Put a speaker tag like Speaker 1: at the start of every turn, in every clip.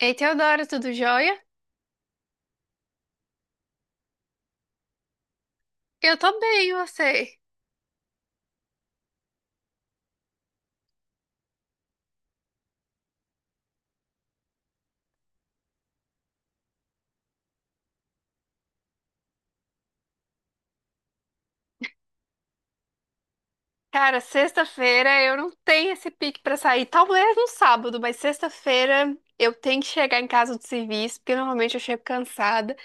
Speaker 1: Ei, Teodora, tudo jóia? Eu tô bem, e você? Cara, sexta-feira eu não tenho esse pique pra sair. Talvez no sábado, mas sexta-feira eu tenho que chegar em casa do serviço, porque normalmente eu chego cansada.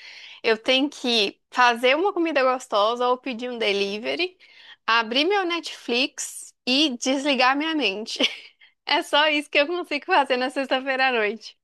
Speaker 1: Eu tenho que fazer uma comida gostosa ou pedir um delivery, abrir meu Netflix e desligar minha mente. É só isso que eu consigo fazer na sexta-feira à noite.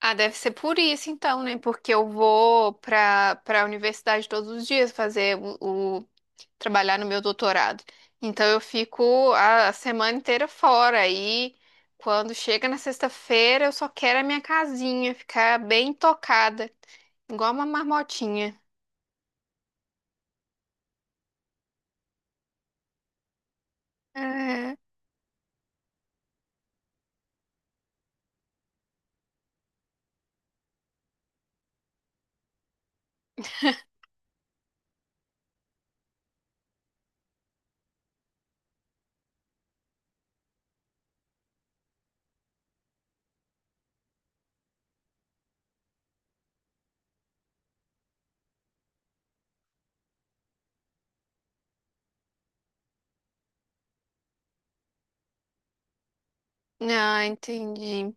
Speaker 1: Ah, deve ser por isso então, né? Porque eu vou para a universidade todos os dias fazer trabalhar no meu doutorado. Então eu fico a semana inteira fora e quando chega na sexta-feira eu só quero a minha casinha, ficar bem tocada, igual uma marmotinha. Uhum. Ah, entendi.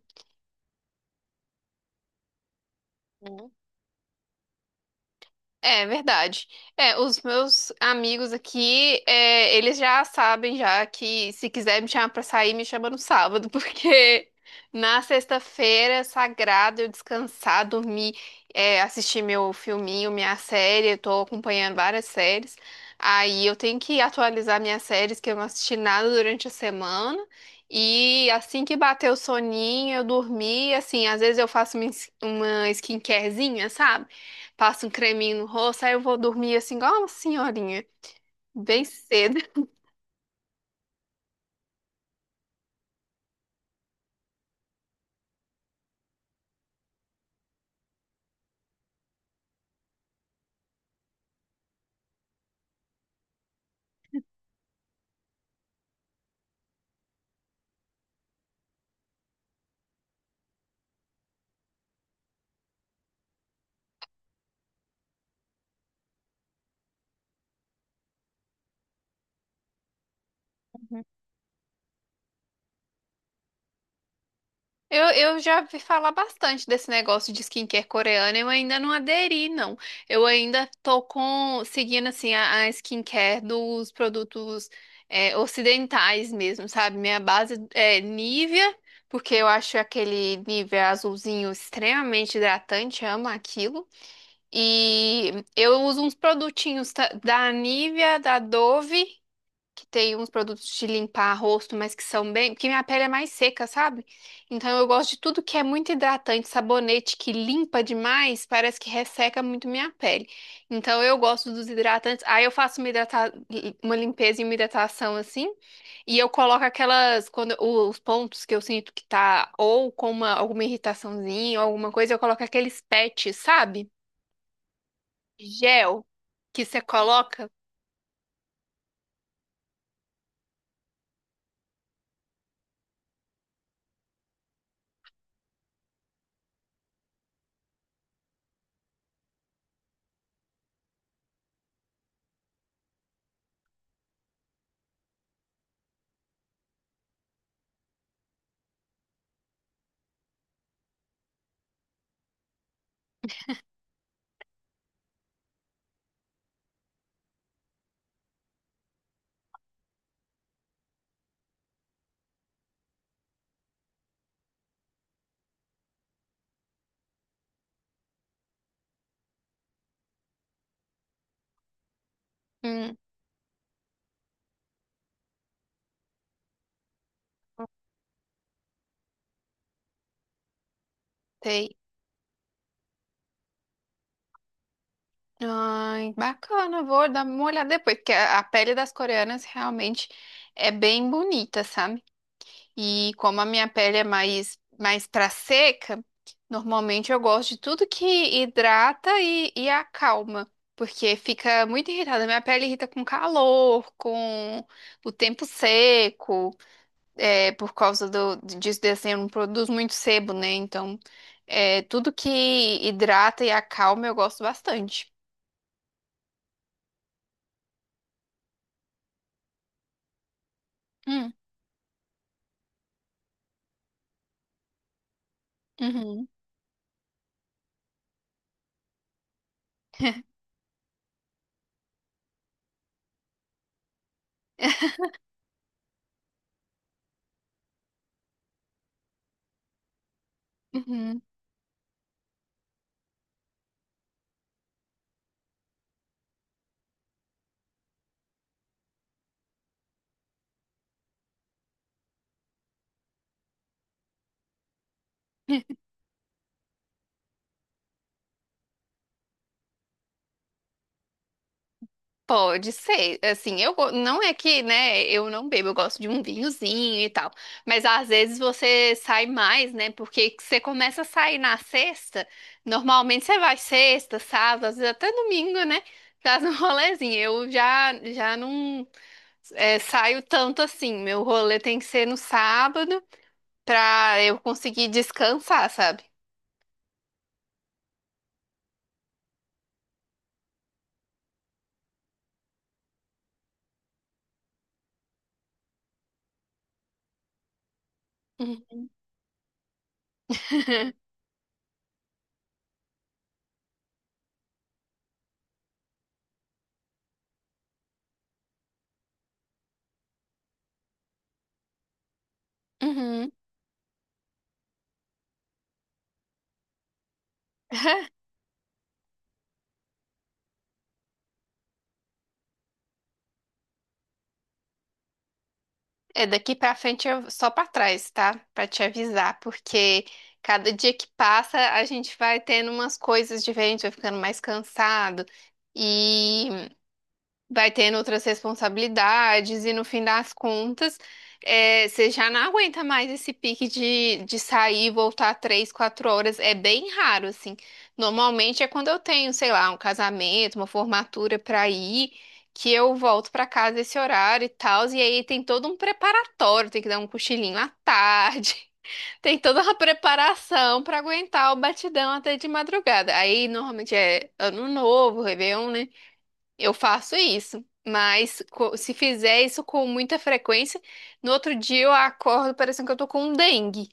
Speaker 1: É verdade. É, os meus amigos aqui, é, eles já sabem já que se quiser me chamar pra sair, me chama no sábado, porque na sexta-feira, é sagrado, eu descansar, dormir, é, assistir meu filminho, minha série, eu tô acompanhando várias séries. Aí eu tenho que atualizar minhas séries, que eu não assisti nada durante a semana. E assim que bater o soninho, eu dormi, assim, às vezes eu faço uma skincarezinha, sabe? Passo um creminho no rosto, aí eu vou dormir assim, igual uma senhorinha, bem cedo. Uhum. Eu, eu já vi falar bastante desse negócio de skincare coreana, eu ainda não aderi, não. Eu ainda tô com, seguindo, assim, a skincare dos produtos é, ocidentais mesmo, sabe? Minha base é Nivea, porque eu acho aquele Nivea azulzinho extremamente hidratante, amo aquilo. E eu uso uns produtinhos da Nivea, da Dove que tem uns produtos de limpar rosto, mas que são bem. Porque minha pele é mais seca, sabe? Então eu gosto de tudo que é muito hidratante, sabonete que limpa demais, parece que resseca muito minha pele. Então eu gosto dos hidratantes. Aí eu faço uma, uma limpeza e uma hidratação assim, e eu coloco aquelas. Quando os pontos que eu sinto que tá ou com uma alguma irritaçãozinha ou alguma coisa, eu coloco aqueles patches, sabe? Gel que você coloca. Hum, sei. Ai, bacana, vou dar uma olhada depois, porque a pele das coreanas realmente é bem bonita, sabe? E como a minha pele é mais, mais pra seca, normalmente eu gosto de tudo que hidrata e acalma, porque fica muito irritada. Minha pele irrita com calor, com o tempo seco, é, por causa do, disso, desse, eu não produzo muito sebo, né? Então, é, tudo que hidrata e acalma eu gosto bastante. Hum. Uhum. Uhum. Pode ser, assim, não é que, né, eu não bebo, eu gosto de um vinhozinho e tal, mas às vezes você sai mais, né, porque você começa a sair na sexta, normalmente você vai sexta, sábado, às vezes até domingo, né, faz um rolezinho, eu já não é, saio tanto assim, meu rolê tem que ser no sábado pra eu conseguir descansar, sabe? Uhum. Uhum. É, daqui pra frente eu só pra trás, tá? Pra te avisar, porque cada dia que passa a gente vai tendo umas coisas diferentes, vai ficando mais cansado. E vai tendo outras responsabilidades e no fim das contas, é, você já não aguenta mais esse pique de sair e voltar três, quatro horas. É bem raro, assim. Normalmente é quando eu tenho, sei lá, um casamento, uma formatura para ir, que eu volto para casa esse horário e tal. E aí tem todo um preparatório, tem que dar um cochilinho à tarde, tem toda uma preparação para aguentar o batidão até de madrugada. Aí normalmente é ano novo, Réveillon, né? Eu faço isso, mas se fizer isso com muita frequência, no outro dia eu acordo parecendo que eu tô com um dengue.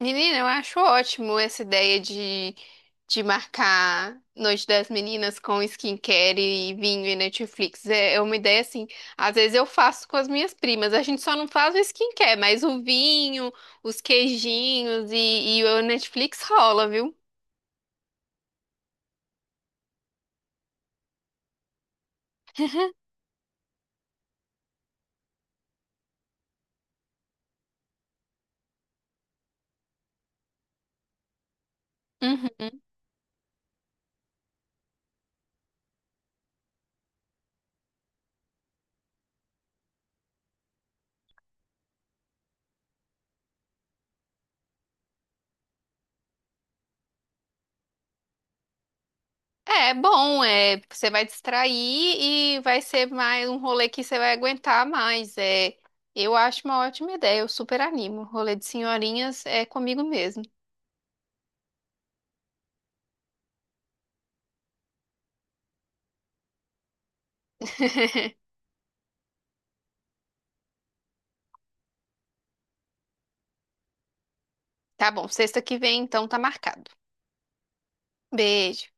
Speaker 1: Menina, eu acho ótimo essa ideia de marcar Noite das Meninas com skincare e vinho e Netflix. É, é uma ideia assim. Às vezes eu faço com as minhas primas. A gente só não faz o skincare, mas o vinho, os queijinhos e o Netflix rola, viu? Uhum. É bom, é, você vai distrair e vai ser mais um rolê que você vai aguentar mais. É, eu acho uma ótima ideia, eu super animo. Rolê de senhorinhas é comigo mesmo. Tá bom, sexta que vem então tá marcado. Beijo.